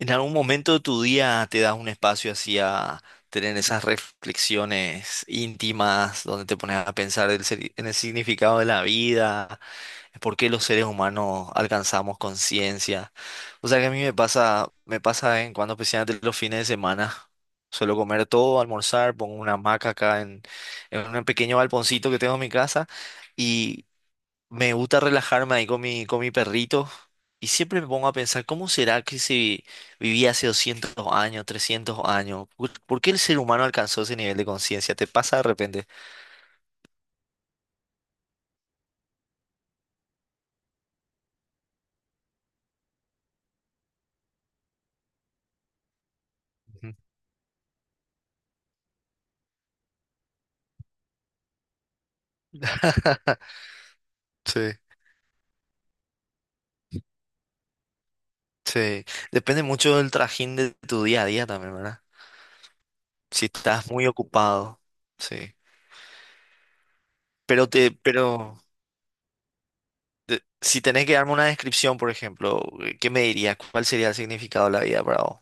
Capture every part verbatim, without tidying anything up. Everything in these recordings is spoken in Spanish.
¿En algún momento de tu día te das un espacio así a tener esas reflexiones íntimas donde te pones a pensar el seri- en el significado de la vida, por qué los seres humanos alcanzamos conciencia? O sea que a mí me pasa, me pasa de vez en cuando, especialmente los fines de semana. Suelo comer todo, almorzar, pongo una hamaca acá en, en un pequeño balponcito que tengo en mi casa, me gusta relajarme ahí con mi, con mi perrito y siempre me pongo a pensar, ¿cómo será que si vivía hace doscientos años, trescientos años? ¿Por, por qué el ser humano alcanzó ese nivel de conciencia? ¿Te pasa de repente? Ujú. Sí, sí. Depende mucho del trajín de tu día a día también, ¿verdad? Si estás muy ocupado, sí. Pero te, pero te- si tenés que darme una descripción, por ejemplo, ¿qué me dirías? ¿Cuál sería el significado de la vida para vos?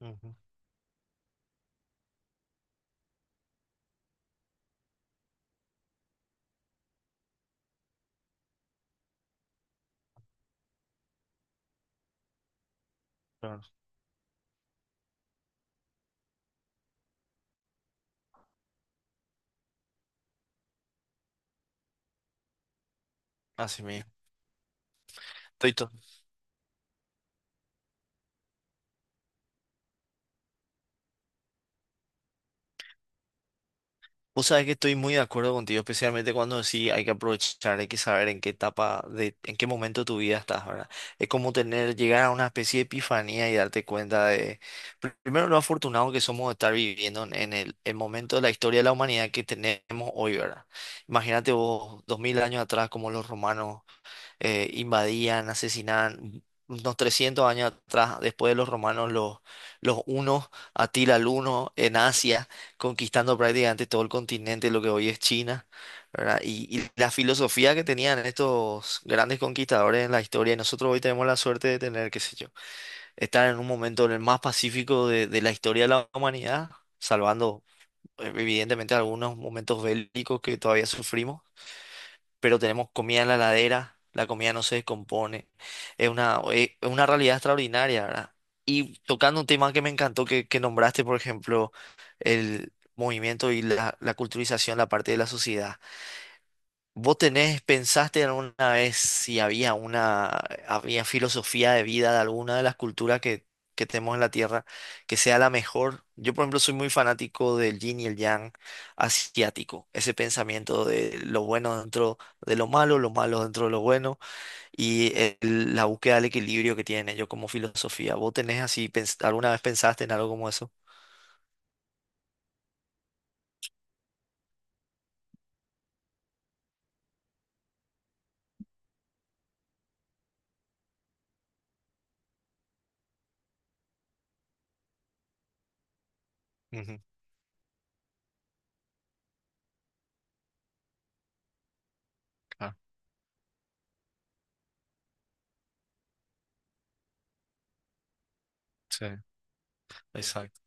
Ujú, claro. Así mismo. Estoy, to- Vos sabés que estoy muy de acuerdo contigo, especialmente cuando sí hay que aprovechar, hay que saber en qué etapa, de, en qué momento de tu vida estás, ¿verdad? Es como tener, llegar a una especie de epifanía y darte cuenta de, pr- primero lo afortunado que somos de estar viviendo en, en el, el momento de la historia de la humanidad que tenemos hoy, ¿verdad? Imagínate vos, dos mil años atrás, como los romanos eh, invadían, asesinaban. Unos trescientos años atrás, después de los romanos, los, los hunos, Atila el Huno, en Asia, conquistando prácticamente todo el continente, lo que hoy es China, ¿verdad? Y, y la filosofía que tenían estos grandes conquistadores en la historia, y nosotros hoy tenemos la suerte de tener, qué sé yo, estar en un momento en el más pacífico de, de la historia de la humanidad, salvando eh, evidentemente algunos momentos bélicos que todavía sufrimos, pero tenemos comida en la heladera, la comida no se descompone. Es una, es una realidad extraordinaria, ¿verdad? Y tocando un tema que me encantó que, que nombraste, por ejemplo, el movimiento y la, la culturización, la parte de la sociedad. ¿Vos tenés, pensaste alguna vez si había una, había filosofía de vida de alguna de las culturas que, que tenemos en la Tierra que sea la mejor? Yo, por ejemplo, soy muy fanático del yin y el yang asiático, ese pensamiento de lo bueno dentro de lo malo, lo malo dentro de lo bueno y el- la búsqueda del equilibrio que tienen ellos como filosofía. ¿Vos tenés así, pens- alguna vez pensaste en algo como eso? Ujú, claro, sí, exacto,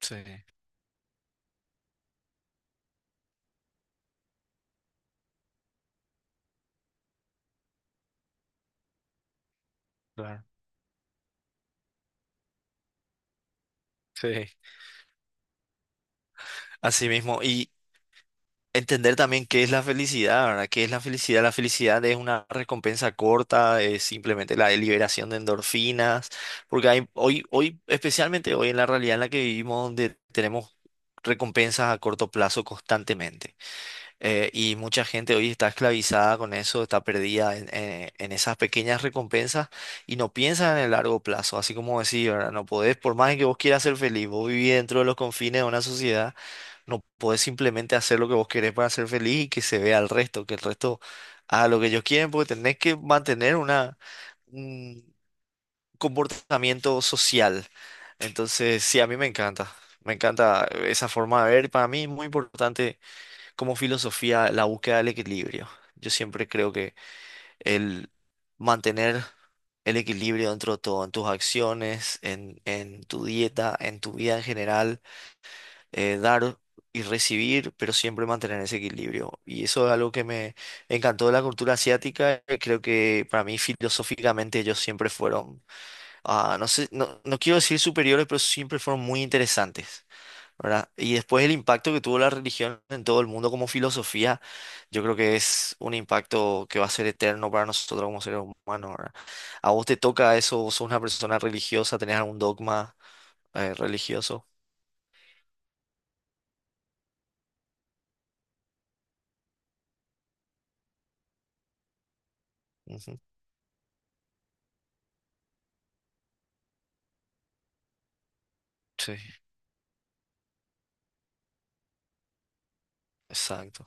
sí, claro, sí. Así mismo. Entender también qué es la felicidad, ¿verdad? ¿Qué es la felicidad? La felicidad es una recompensa corta, es simplemente la liberación de endorfinas, porque hay, hoy, hoy, especialmente hoy en la realidad en la que vivimos, donde tenemos recompensas a corto plazo constantemente. Eh, y mucha gente hoy está esclavizada con eso, está perdida en, en- en esas pequeñas recompensas y no piensa en el largo plazo, así como decía, ¿verdad? No podés, por más que vos quieras ser feliz, vos vivís dentro de los confines de una sociedad, no podés simplemente hacer lo que vos querés para ser feliz y que se vea al resto, que el resto haga lo que ellos quieren, porque tenés que mantener una, un comportamiento social. Entonces, sí, a mí me encanta, me encanta esa forma de ver, para mí es muy importante como filosofía la búsqueda del equilibrio. Yo siempre creo que el mantener el equilibrio dentro de todo, en tus acciones, en, en tu dieta, en tu vida en general, eh, dar y recibir, pero siempre mantener ese equilibrio. Y eso es algo que me encantó de la cultura asiática. eh, Creo que para mí filosóficamente ellos siempre fueron, ah, no sé, no, no quiero decir superiores, pero siempre fueron muy interesantes. ¿Verdad? Y después el impacto que tuvo la religión en todo el mundo como filosofía, yo creo que es un impacto que va a ser eterno para nosotros como seres humanos, ¿verdad? ¿A vos te toca eso? ¿Vos sos una persona religiosa? ¿Tenés algún dogma eh, religioso? Ujú. Sí, exacto.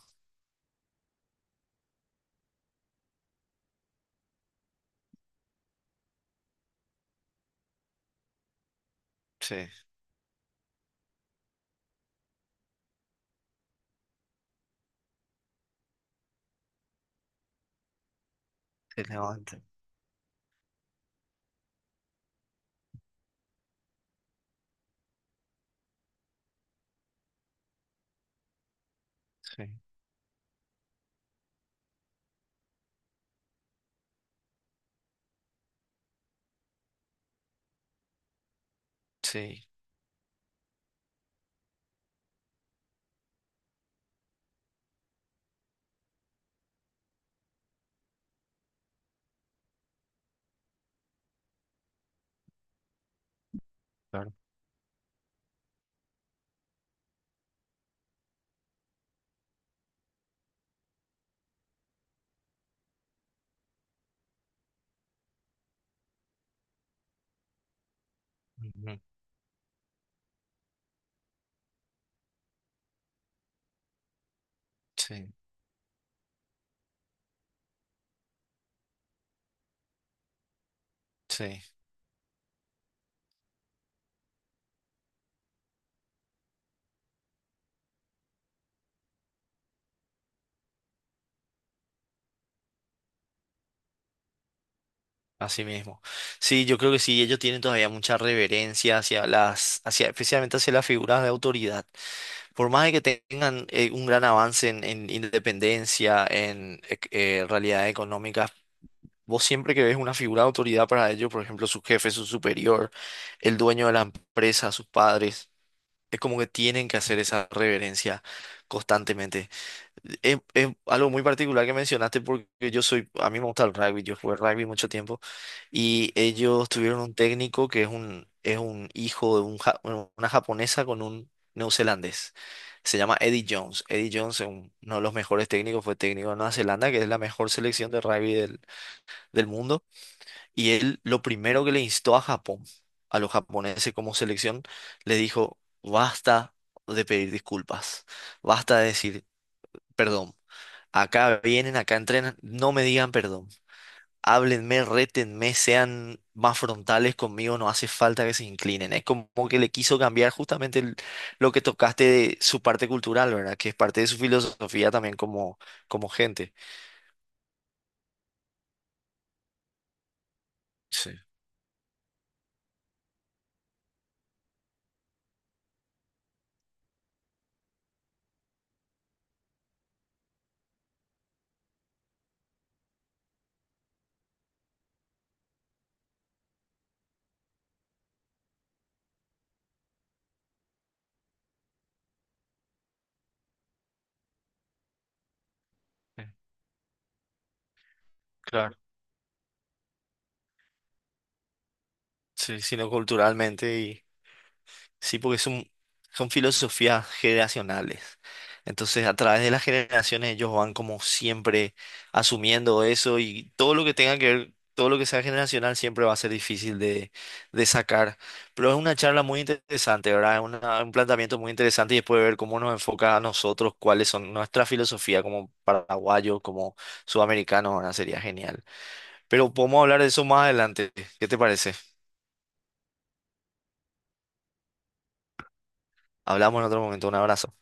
Sí, relevante. Sí, sí, claro. Ujú. Sí, sí. Así mismo. Sí, yo creo que sí, ellos tienen todavía mucha reverencia hacia las, hacia, especialmente hacia las figuras de autoridad. Por más de que tengan eh, un gran avance en, en independencia, en ec- eh, realidad económica, vos siempre que ves una figura de autoridad para ellos, por ejemplo, su jefe, su superior, el dueño de la empresa, sus padres, es como que tienen que hacer esa reverencia constantemente. Es, es algo muy particular que mencionaste porque yo soy, a mí me gusta el rugby, yo jugué rugby mucho tiempo y ellos tuvieron un técnico que es un, es un hijo de un ja- bueno, una japonesa con un neozelandés. Se llama Eddie Jones. Eddie Jones es un- uno de los mejores técnicos, fue técnico de Nueva Zelanda, que es la mejor selección de rugby del, del mundo. Y él lo primero que le instó a Japón, a los japoneses como selección, le dijo, basta de pedir disculpas, basta de decir perdón. Acá vienen, acá entrenan, no me digan perdón. Háblenme, rétenme, sean más frontales conmigo, no hace falta que se inclinen. Es como que le quiso cambiar justamente el- lo que tocaste de su parte cultural, ¿verdad? Que es parte de su filosofía también como, como gente. Sí, eh, claro. Sí, sino culturalmente. Sí, porque son, son filosofías generacionales. Entonces, a través de las generaciones, ellos van como siempre asumiendo eso y todo lo que tenga que ver, todo lo que sea generacional siempre va a ser difícil de, de sacar. Pero es una charla muy interesante, ¿verdad? Es una- un planteamiento muy interesante y después ver cómo nos enfoca a nosotros, cuáles son nuestra filosofía como paraguayos, como sudamericanos, ¿verdad? Sería genial. Pero podemos hablar de eso más adelante. ¿Qué te parece? Hablamos en otro momento. Un abrazo.